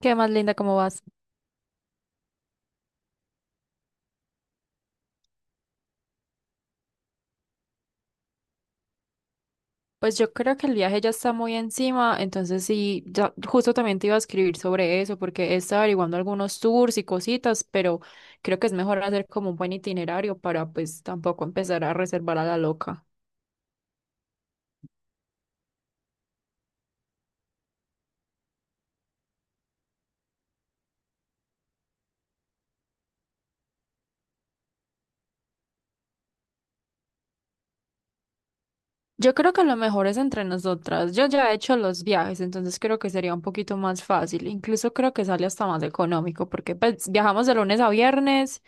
¿Qué más, Linda? ¿Cómo vas? Pues yo creo que el viaje ya está muy encima, entonces sí, ya justo también te iba a escribir sobre eso, porque he estado averiguando algunos tours y cositas, pero creo que es mejor hacer como un buen itinerario para pues tampoco empezar a reservar a la loca. Yo creo que lo mejor es entre nosotras. Yo ya he hecho los viajes, entonces creo que sería un poquito más fácil. Incluso creo que sale hasta más económico, porque pues, viajamos de lunes a viernes,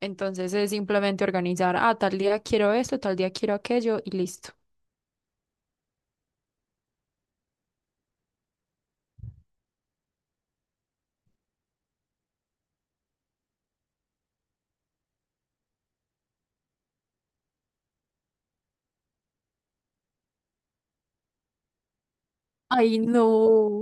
entonces es simplemente organizar, tal día quiero esto, tal día quiero aquello y listo. Ay, no.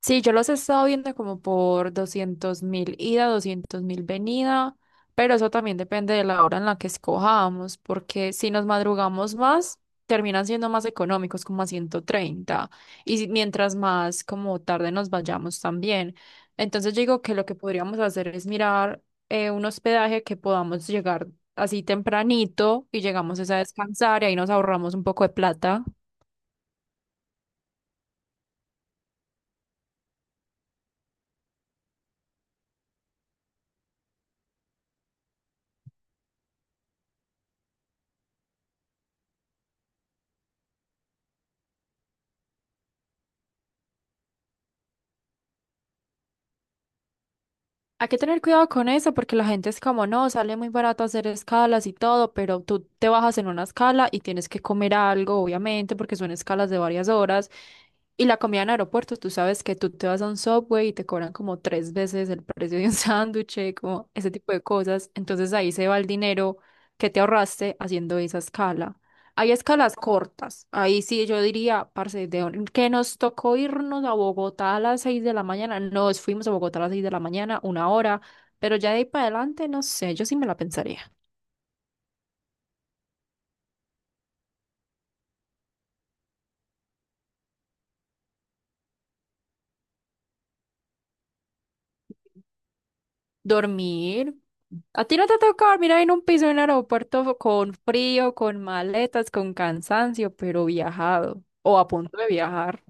Sí, yo los he estado viendo como por 200.000 ida, 200.000 venida, pero eso también depende de la hora en la que escojamos, porque si nos madrugamos más, terminan siendo más económicos, como a 130, y mientras más como tarde nos vayamos también. Entonces yo digo que lo que podríamos hacer es mirar un hospedaje que podamos llegar así tempranito y llegamos es a descansar y ahí nos ahorramos un poco de plata. Hay que tener cuidado con eso porque la gente es como, no, sale muy barato hacer escalas y todo, pero tú te bajas en una escala y tienes que comer algo, obviamente, porque son escalas de varias horas. Y la comida en aeropuertos, tú sabes que tú te vas a un Subway y te cobran como tres veces el precio de un sándwich, como ese tipo de cosas. Entonces ahí se va el dinero que te ahorraste haciendo esa escala. Hay escalas cortas. Ahí sí yo diría, parce, que nos tocó irnos a Bogotá a las 6 de la mañana. Nos fuimos a Bogotá a las 6 de la mañana, una hora. Pero ya de ahí para adelante, no sé, yo sí me la pensaría. Dormir. ¿A ti no te toca dormir ahí en un piso en un aeropuerto con frío, con maletas, con cansancio, pero viajado o a punto de viajar?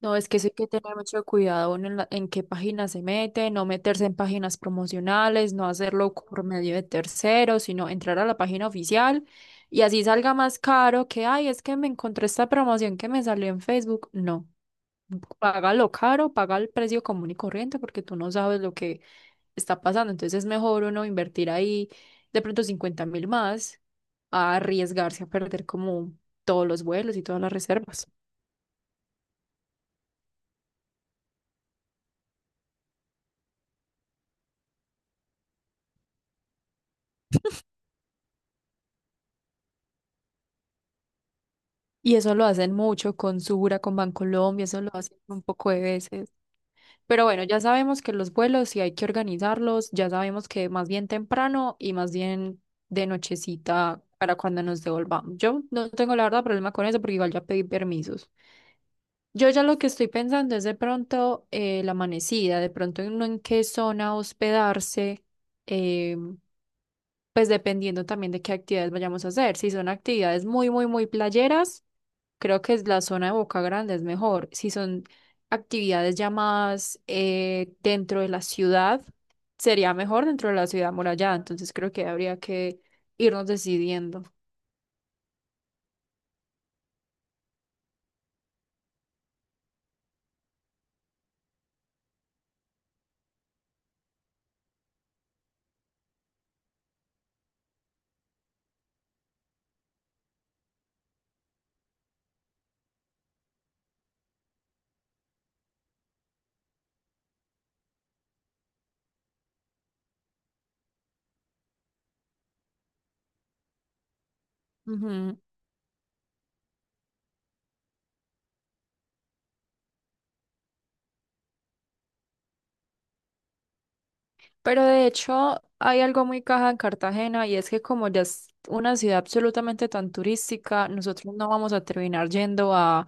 No, es que eso hay que tener mucho cuidado uno en, en qué página se mete, no meterse en páginas promocionales, no hacerlo por medio de terceros, sino entrar a la página oficial y así salga más caro que, ay, es que me encontré esta promoción que me salió en Facebook. No, paga lo caro, paga el precio común y corriente porque tú no sabes lo que está pasando. Entonces es mejor uno invertir ahí de pronto 50.000 más a arriesgarse a perder como todos los vuelos y todas las reservas. Y eso lo hacen mucho con Sura, con Bancolombia, eso lo hacen un poco de veces. Pero bueno, ya sabemos que los vuelos sí hay que organizarlos, ya sabemos que más bien temprano y más bien de nochecita para cuando nos devolvamos. Yo no tengo la verdad problema con eso porque igual ya pedí permisos. Yo ya lo que estoy pensando es de pronto la amanecida, de pronto en, no en qué zona hospedarse, eh, pues dependiendo también de qué actividades vayamos a hacer. Si son actividades muy, muy, muy playeras. Creo que es la zona de Boca Grande es mejor. Si son actividades ya más dentro de la ciudad, sería mejor dentro de la ciudad amurallada. Entonces creo que habría que irnos decidiendo. Ujú. Pero de hecho hay algo muy caja en Cartagena y es que como ya es una ciudad absolutamente tan turística, nosotros no vamos a terminar yendo a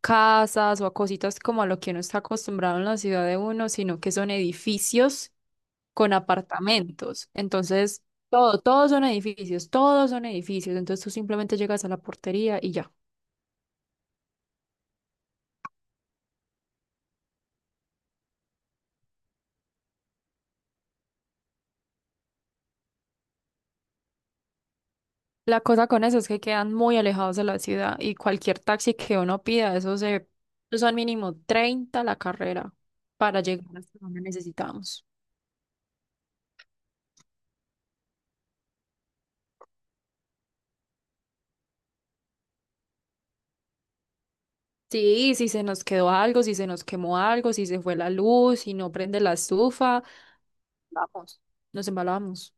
casas o a cositas como a lo que uno está acostumbrado en la ciudad de uno, sino que son edificios con apartamentos. Entonces, todos son edificios, todos son edificios. Entonces tú simplemente llegas a la portería y ya. La cosa con eso es que quedan muy alejados de la ciudad y cualquier taxi que uno pida, eso son mínimo 30 la carrera para llegar hasta donde necesitamos. Sí, si se nos quedó algo, si se nos quemó algo, si se fue la luz, si no prende la estufa, vamos, nos embalamos.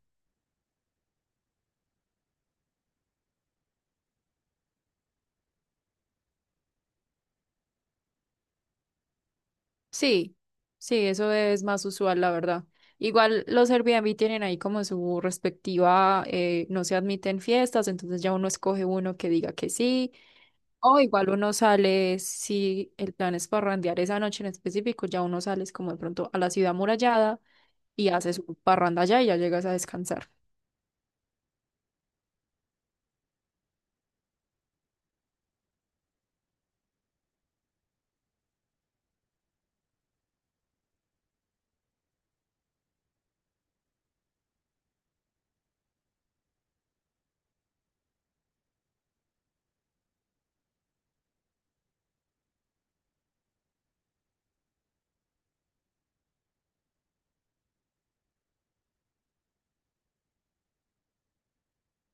Sí, sí, eso es más usual, la verdad. Igual los Airbnb tienen ahí como su respectiva, no se admiten fiestas, entonces ya uno escoge uno que diga que sí. O igual uno sale, si el plan es parrandear esa noche en específico, ya uno sales como de pronto a la ciudad amurallada y haces un parranda allá y ya llegas a descansar.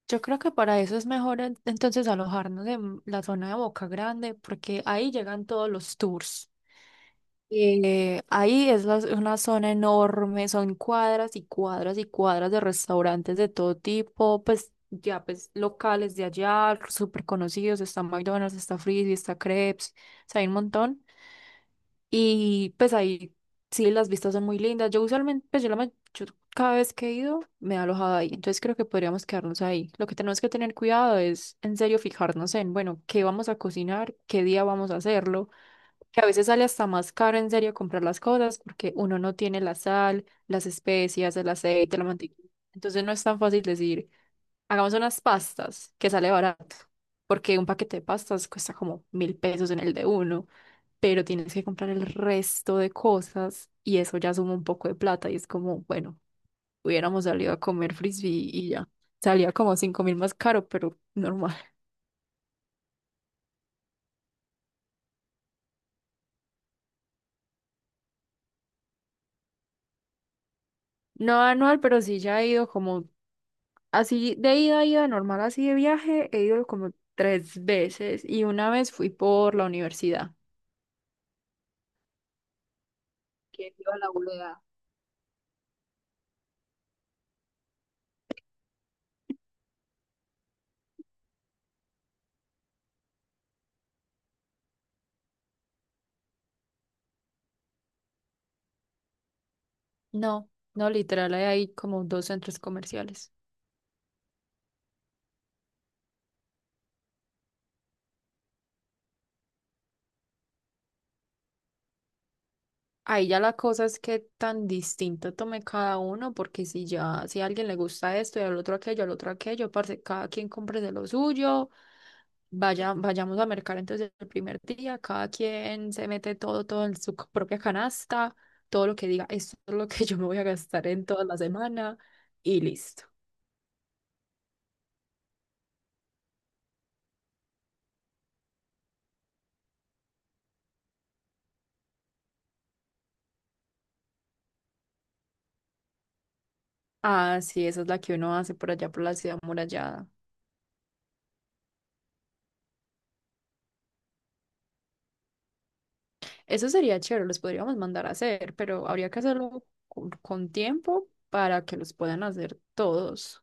Yo creo que para eso es mejor entonces alojarnos en la zona de Boca Grande, porque ahí llegan todos los tours. Ahí es una zona enorme, son cuadras y cuadras y cuadras de restaurantes de todo tipo, pues ya pues locales de allá, súper conocidos, está McDonald's, está Frisby, está Crepes, o sea, hay un montón. Y pues ahí sí las vistas son muy lindas. Yo usualmente, yo cada vez que he ido me he alojado ahí, entonces creo que podríamos quedarnos ahí. Lo que tenemos que tener cuidado es en serio fijarnos en, bueno, qué vamos a cocinar, qué día vamos a hacerlo que a veces sale hasta más caro en serio comprar las cosas porque uno no tiene la sal, las especias, el aceite, la mantequilla. Entonces no es tan fácil decir, hagamos unas pastas que sale barato, porque un paquete de pastas cuesta como 1.000 pesos en el de uno, pero tienes que comprar el resto de cosas y eso ya suma un poco de plata y es como, bueno, hubiéramos salido a comer frisbee y ya. Salía como 5.000 más caro, pero normal. No anual, pero sí ya he ido como. Así de ida, ida normal, así de viaje, he ido como 3 veces y una vez fui por la universidad. ¿Quién iba a la ULA? No, no, literal, hay ahí como dos centros comerciales. Ahí ya la cosa es que tan distinto tome cada uno, porque si ya, si a alguien le gusta esto y al otro aquello, parce, cada quien compre de lo suyo. Vaya, vayamos a mercar entonces el primer día, cada quien se mete todo, todo en su propia canasta, todo lo que diga, esto es lo que yo me voy a gastar en toda la semana y listo. Ah, sí, esa es la que uno hace por allá por la ciudad amurallada. Eso sería chévere, los podríamos mandar a hacer, pero habría que hacerlo con tiempo para que los puedan hacer todos.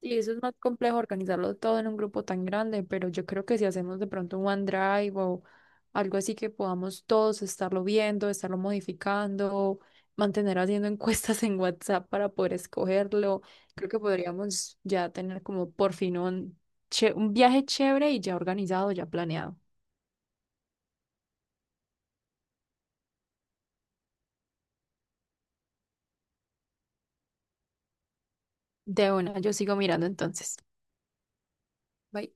Y eso es más complejo organizarlo todo en un grupo tan grande, pero yo creo que si hacemos de pronto un OneDrive algo así que podamos todos estarlo viendo, estarlo modificando, mantener haciendo encuestas en WhatsApp para poder escogerlo. Creo que podríamos ya tener como por fin un, un viaje chévere y ya organizado, ya planeado. De una, yo sigo mirando entonces. Bye.